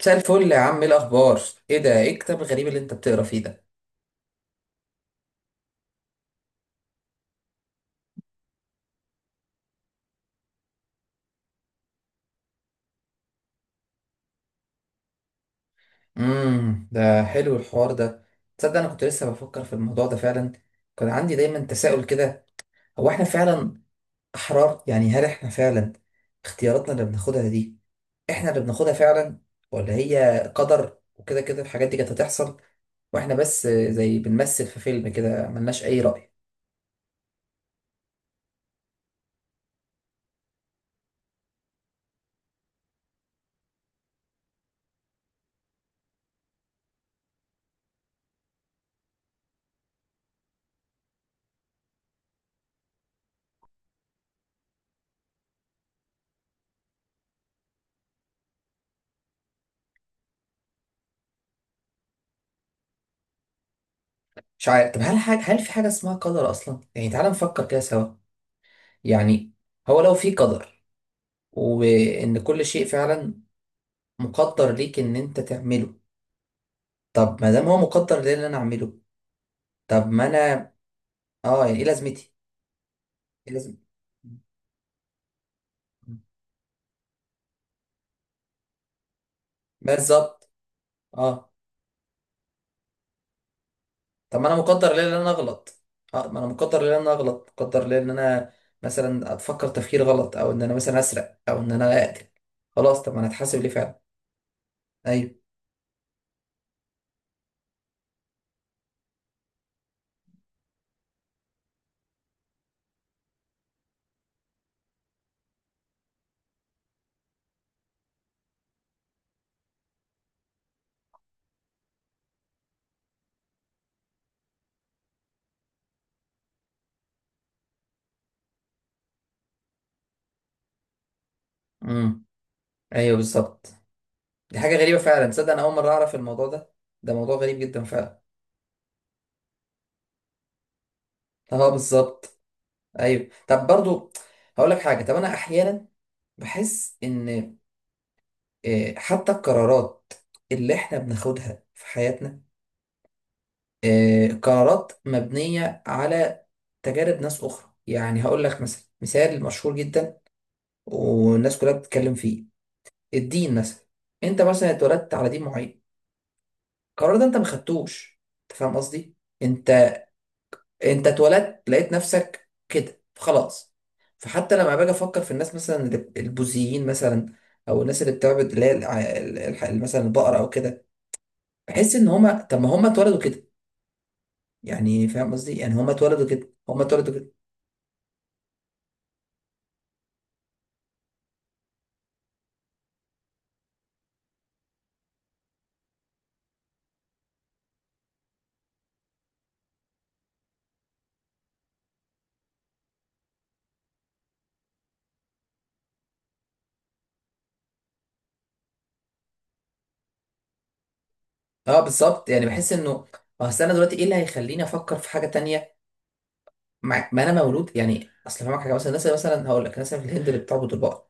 مساء الفل يا عم، ايه الاخبار؟ ايه ده؟ ايه الكتاب الغريب اللي انت بتقرا فيه ده؟ ده حلو الحوار ده. تصدق انا كنت لسه بفكر في الموضوع ده فعلا. كان عندي دايما تساؤل كده، هو احنا فعلا احرار؟ يعني هل احنا فعلا اختياراتنا اللي بناخدها دي احنا اللي بناخدها فعلا، ولا هي قدر وكده كده الحاجات دي كانت هتحصل واحنا بس زي بنمثل في فيلم كده ملناش اي رأي؟ مش عارف. طب هل في حاجة اسمها قدر اصلا؟ يعني تعال نفكر كده سوا. يعني هو لو في قدر وان كل شيء فعلا مقدر ليك ان انت تعمله، طب ما دام هو مقدر ليه ان انا اعمله، طب ما انا، اه يعني ايه لازمتي؟ ايه لازم؟ بالظبط. اه، طب ما انا مقدر ليه ان انا اغلط. اه، ما انا مقدر ليه ان انا اغلط، مقدر ليه ان انا مثلا اتفكر تفكير غلط، او ان انا مثلا اسرق، او ان انا اقتل. خلاص، طب ما انا اتحاسب ليه فعلا؟ ايوه. امم، ايوه بالظبط. دي حاجه غريبه فعلا، تصدق انا اول مره اعرف الموضوع ده. ده موضوع غريب جدا فعلا. اه بالظبط. ايوه. طب برضو هقول لك حاجه، طب انا احيانا بحس ان، حتى القرارات اللي احنا بناخدها في حياتنا، قرارات مبنيه على تجارب ناس اخرى. يعني هقول لك مثلا مثال مشهور جدا والناس كلها بتتكلم فيه، الدين مثلا. انت مثلا اتولدت على دين معين، القرار ده انت ما خدتوش. انت فاهم قصدي؟ انت انت اتولدت لقيت نفسك كده خلاص. فحتى لما باجي افكر في الناس، مثلا البوذيين مثلا، او الناس اللي بتعبد اللي هي مثلا البقره او كده، بحس ان هما، طب ما هما اتولدوا كده. يعني فاهم قصدي، يعني هما اتولدوا كده، هما اتولدوا كده. اه بالظبط، يعني بحس انه، اصل انا دلوقتي ايه اللي هيخليني افكر في حاجه تانية؟ ما انا مولود، يعني اصل فاهمك حاجه، مثلا الناس اللي مثلا هقول لك، الناس اللي في الهند اللي بتعبد البقر،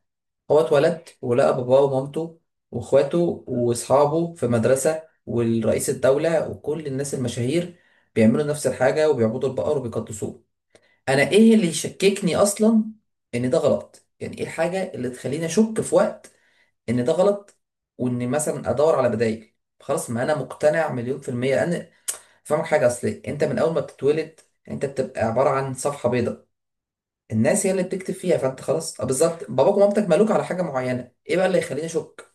هو اتولد ولقى باباه ومامته واخواته واصحابه في مدرسه والرئيس الدوله وكل الناس المشاهير بيعملوا نفس الحاجه وبيعبدوا البقر وبيقدسوه. انا ايه اللي يشككني اصلا ان ده غلط؟ يعني ايه الحاجه اللي تخليني اشك في وقت ان ده غلط، وان مثلا ادور على بدائل؟ خلاص، ما انا مقتنع 1000000%. لان فاهمك حاجه، اصل انت من اول ما بتتولد، يعني انت بتبقى عباره عن صفحه بيضاء، الناس هي اللي بتكتب فيها. فانت خلاص، بالظبط، باباك ومامتك مالوك على حاجه معينه، ايه بقى اللي يخليني اشك؟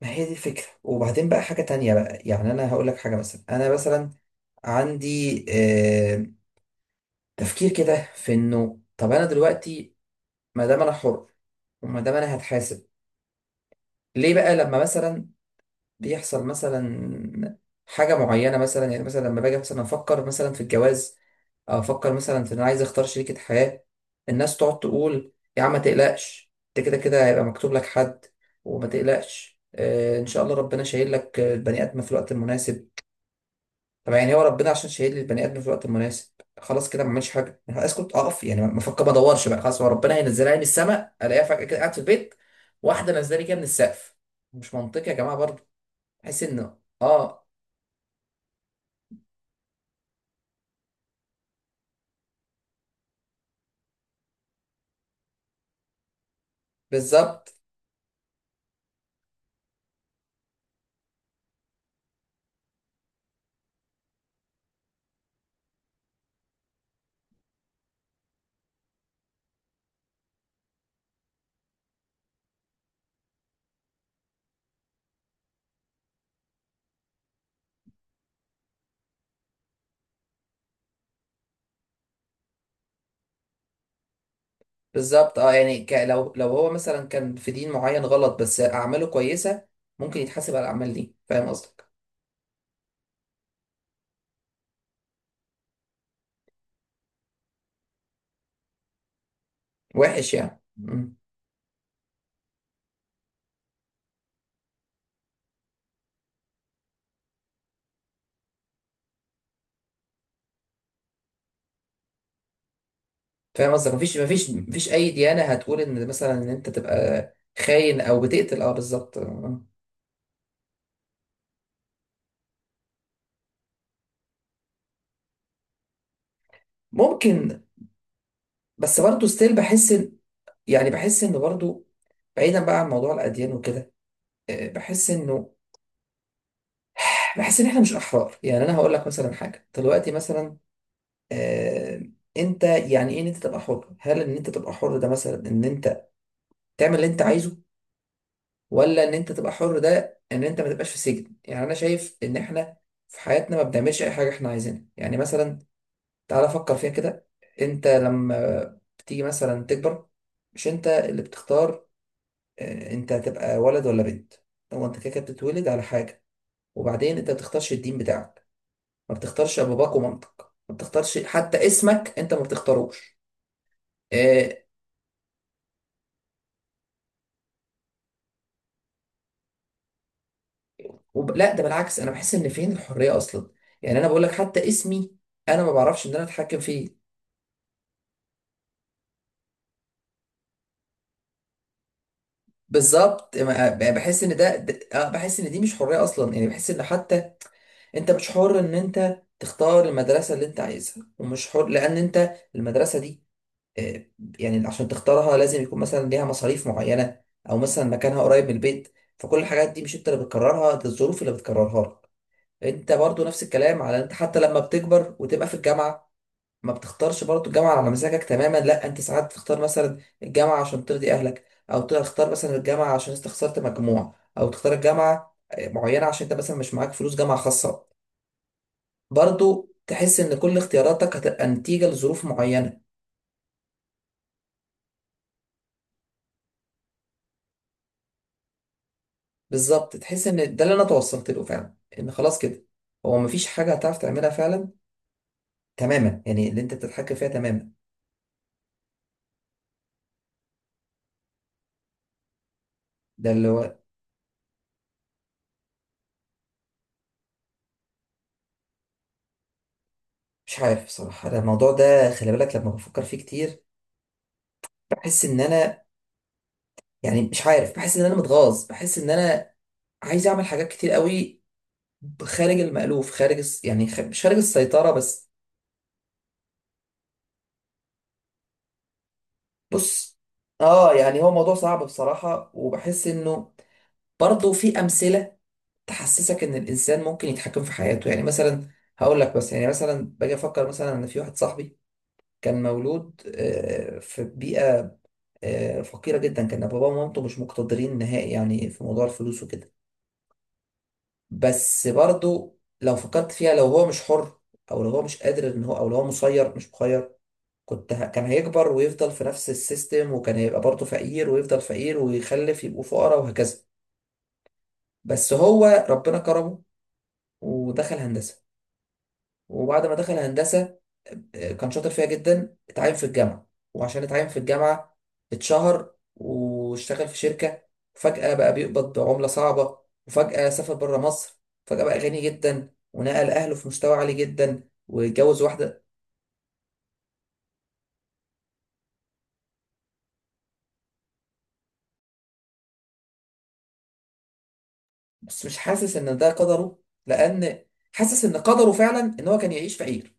ما هي دي الفكره. وبعدين بقى حاجه تانية بقى، يعني انا هقول لك حاجه مثلا، انا مثلا عندي آه تفكير كده في انه، طب انا دلوقتي ما دام انا حر، وما دام انا هتحاسب، ليه بقى لما مثلا بيحصل مثلا حاجة معينة؟ مثلا يعني مثلا لما باجي مثلا أفكر مثلا في الجواز، أو أفكر مثلا في إن أنا عايز أختار شريكة حياة، الناس تقعد تقول يا عم ما تقلقش، أنت كده كده هيبقى مكتوب لك حد، وما تقلقش، إن شاء الله ربنا شايل لك، البني آدم في الوقت المناسب. طب يعني هو ربنا عشان شايل لي البني آدم في الوقت المناسب، خلاص كده ما اعملش حاجة؟ يعني أسكت، أقف، يعني ما أفكر، ما أدورش بقى، خلاص هو ربنا هينزلها لي من السماء، ألاقيها فجأة كده قاعد في البيت، واحدة نازلة لي كده من السقف؟ مش منطقي يا جماعة برضه. بحيث انه، بالظبط. بالظبط، يعني لو هو مثلا كان في دين معين غلط بس اعماله كويسه، ممكن يتحاسب على الاعمال دي. فاهم قصدك. وحش، يعني مم. فاهم قصدك، مفيش اي ديانه هتقول ان مثلا ان انت تبقى خاين او بتقتل. اه بالظبط. آه. ممكن. بس برضه ستيل بحس ان، يعني بحس انه برضه، بعيدا بقى عن موضوع الاديان وكده، آه، بحس انه بحس ان احنا مش احرار. يعني انا هقول لك مثلا حاجه دلوقتي، مثلا آه، انت يعني ايه ان انت تبقى حر؟ هل ان انت تبقى حر ده مثلا ان انت تعمل اللي انت عايزه، ولا ان انت تبقى حر ده ان انت ما تبقاش في سجن؟ يعني انا شايف ان احنا في حياتنا ما بنعملش اي حاجه احنا عايزينها. يعني مثلا تعالى فكر فيها كده، انت لما بتيجي مثلا تكبر، مش انت اللي بتختار انت هتبقى ولد ولا بنت، هو انت كده كده بتتولد على حاجه. وبعدين انت ما بتختارش الدين بتاعك، ما بتختارش اباباك ومامتك، ما بتختارش حتى اسمك، انت ما بتختاروش. آه، لا ده بالعكس، انا بحس ان فين الحريه اصلا؟ يعني انا بقول لك، حتى اسمي انا ما بعرفش ان انا اتحكم فيه. بالظبط، بحس ان بحس ان دي مش حريه اصلا. يعني بحس ان حتى انت مش حر ان انت تختار المدرسه اللي انت عايزها، ومش حر لان انت المدرسه دي، آه، يعني عشان تختارها لازم يكون مثلا ليها مصاريف معينه، او مثلا مكانها قريب من البيت، فكل الحاجات دي مش انت اللي بتكررها، ده الظروف اللي بتكررها لك. انت برضو نفس الكلام، على انت حتى لما بتكبر وتبقى في الجامعه، ما بتختارش برضه الجامعة على مزاجك تماما، لا انت ساعات تختار مثلا الجامعة عشان ترضي اهلك، او تختار مثلا الجامعة عشان انت خسرت مجموع، او تختار الجامعة معينة عشان انت مثلا مش معاك فلوس جامعة خاصة. برضه تحس ان كل اختياراتك هتبقى نتيجة لظروف معينة. بالظبط، تحس ان ده اللي انا توصلت له فعلا، ان خلاص كده هو مفيش حاجة هتعرف تعملها فعلا تماما، يعني اللي انت بتتحكم فيها تماما. ده اللي هو، مش عارف بصراحة، أنا الموضوع ده خلي بالك لما بفكر فيه كتير بحس ان انا، يعني مش عارف، بحس ان انا متغاظ، بحس ان انا عايز اعمل حاجات كتير قوي خارج المألوف، خارج يعني مش خارج السيطرة بس. بص، اه يعني هو موضوع صعب بصراحة، وبحس انه برضه في امثلة تحسسك ان الانسان ممكن يتحكم في حياته. يعني مثلا هقول لك، بس يعني مثلا باجي افكر مثلا ان في واحد صاحبي كان مولود في بيئة فقيرة جدا، كان باباه ومامته مش مقتدرين نهائي يعني في موضوع الفلوس وكده. بس برضو لو فكرت فيها، لو هو مش حر، او لو هو مش قادر ان هو، او لو هو مسير مش مخير، كان هيكبر ويفضل في نفس السيستم، وكان هيبقى برضه فقير ويفضل فقير ويخلف يبقوا فقراء وهكذا. بس هو ربنا كرمه ودخل هندسة، وبعد ما دخل هندسة كان شاطر فيها جدا، اتعين في الجامعة، وعشان اتعين في الجامعة اتشهر واشتغل في شركة، وفجأة بقى بيقبض بعملة صعبة، وفجأة سافر بره مصر، فجأة بقى غني جدا ونقل أهله في مستوى عالي جدا، واتجوز واحدة. بس مش حاسس إن ده قدره، لأن حاسس إن قدره فعلا إن هو كان يعيش فقير.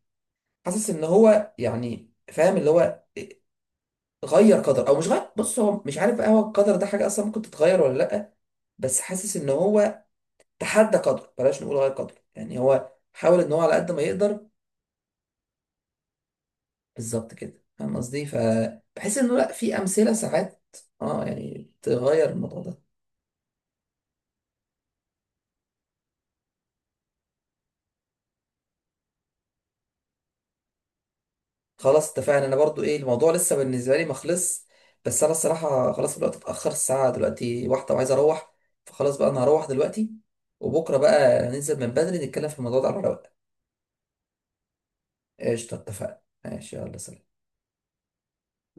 حاسس إن هو، يعني فاهم اللي هو، غير قدر أو مش غير، بص هو مش عارف بقى، هو القدر ده حاجة أصلا ممكن تتغير ولا لأ؟ بس حاسس إن هو تحدى قدره، بلاش نقول غير قدره، يعني هو حاول ان هو على قد ما يقدر. بالظبط كده، فاهم قصدي. فبحس انه لا، في امثله ساعات اه يعني تغير الموضوع ده. خلاص اتفقنا. انا برضو ايه، الموضوع لسه بالنسبه لي ما خلص، بس انا الصراحه خلاص الوقت اتاخر، الساعه دلوقتي 1، وعايز اروح، فخلاص بقى انا هروح دلوقتي، وبكره بقى ننزل من بدري نتكلم في الموضوع ده على رواق. قشطه، اتفقنا، ماشي، يلا سلام.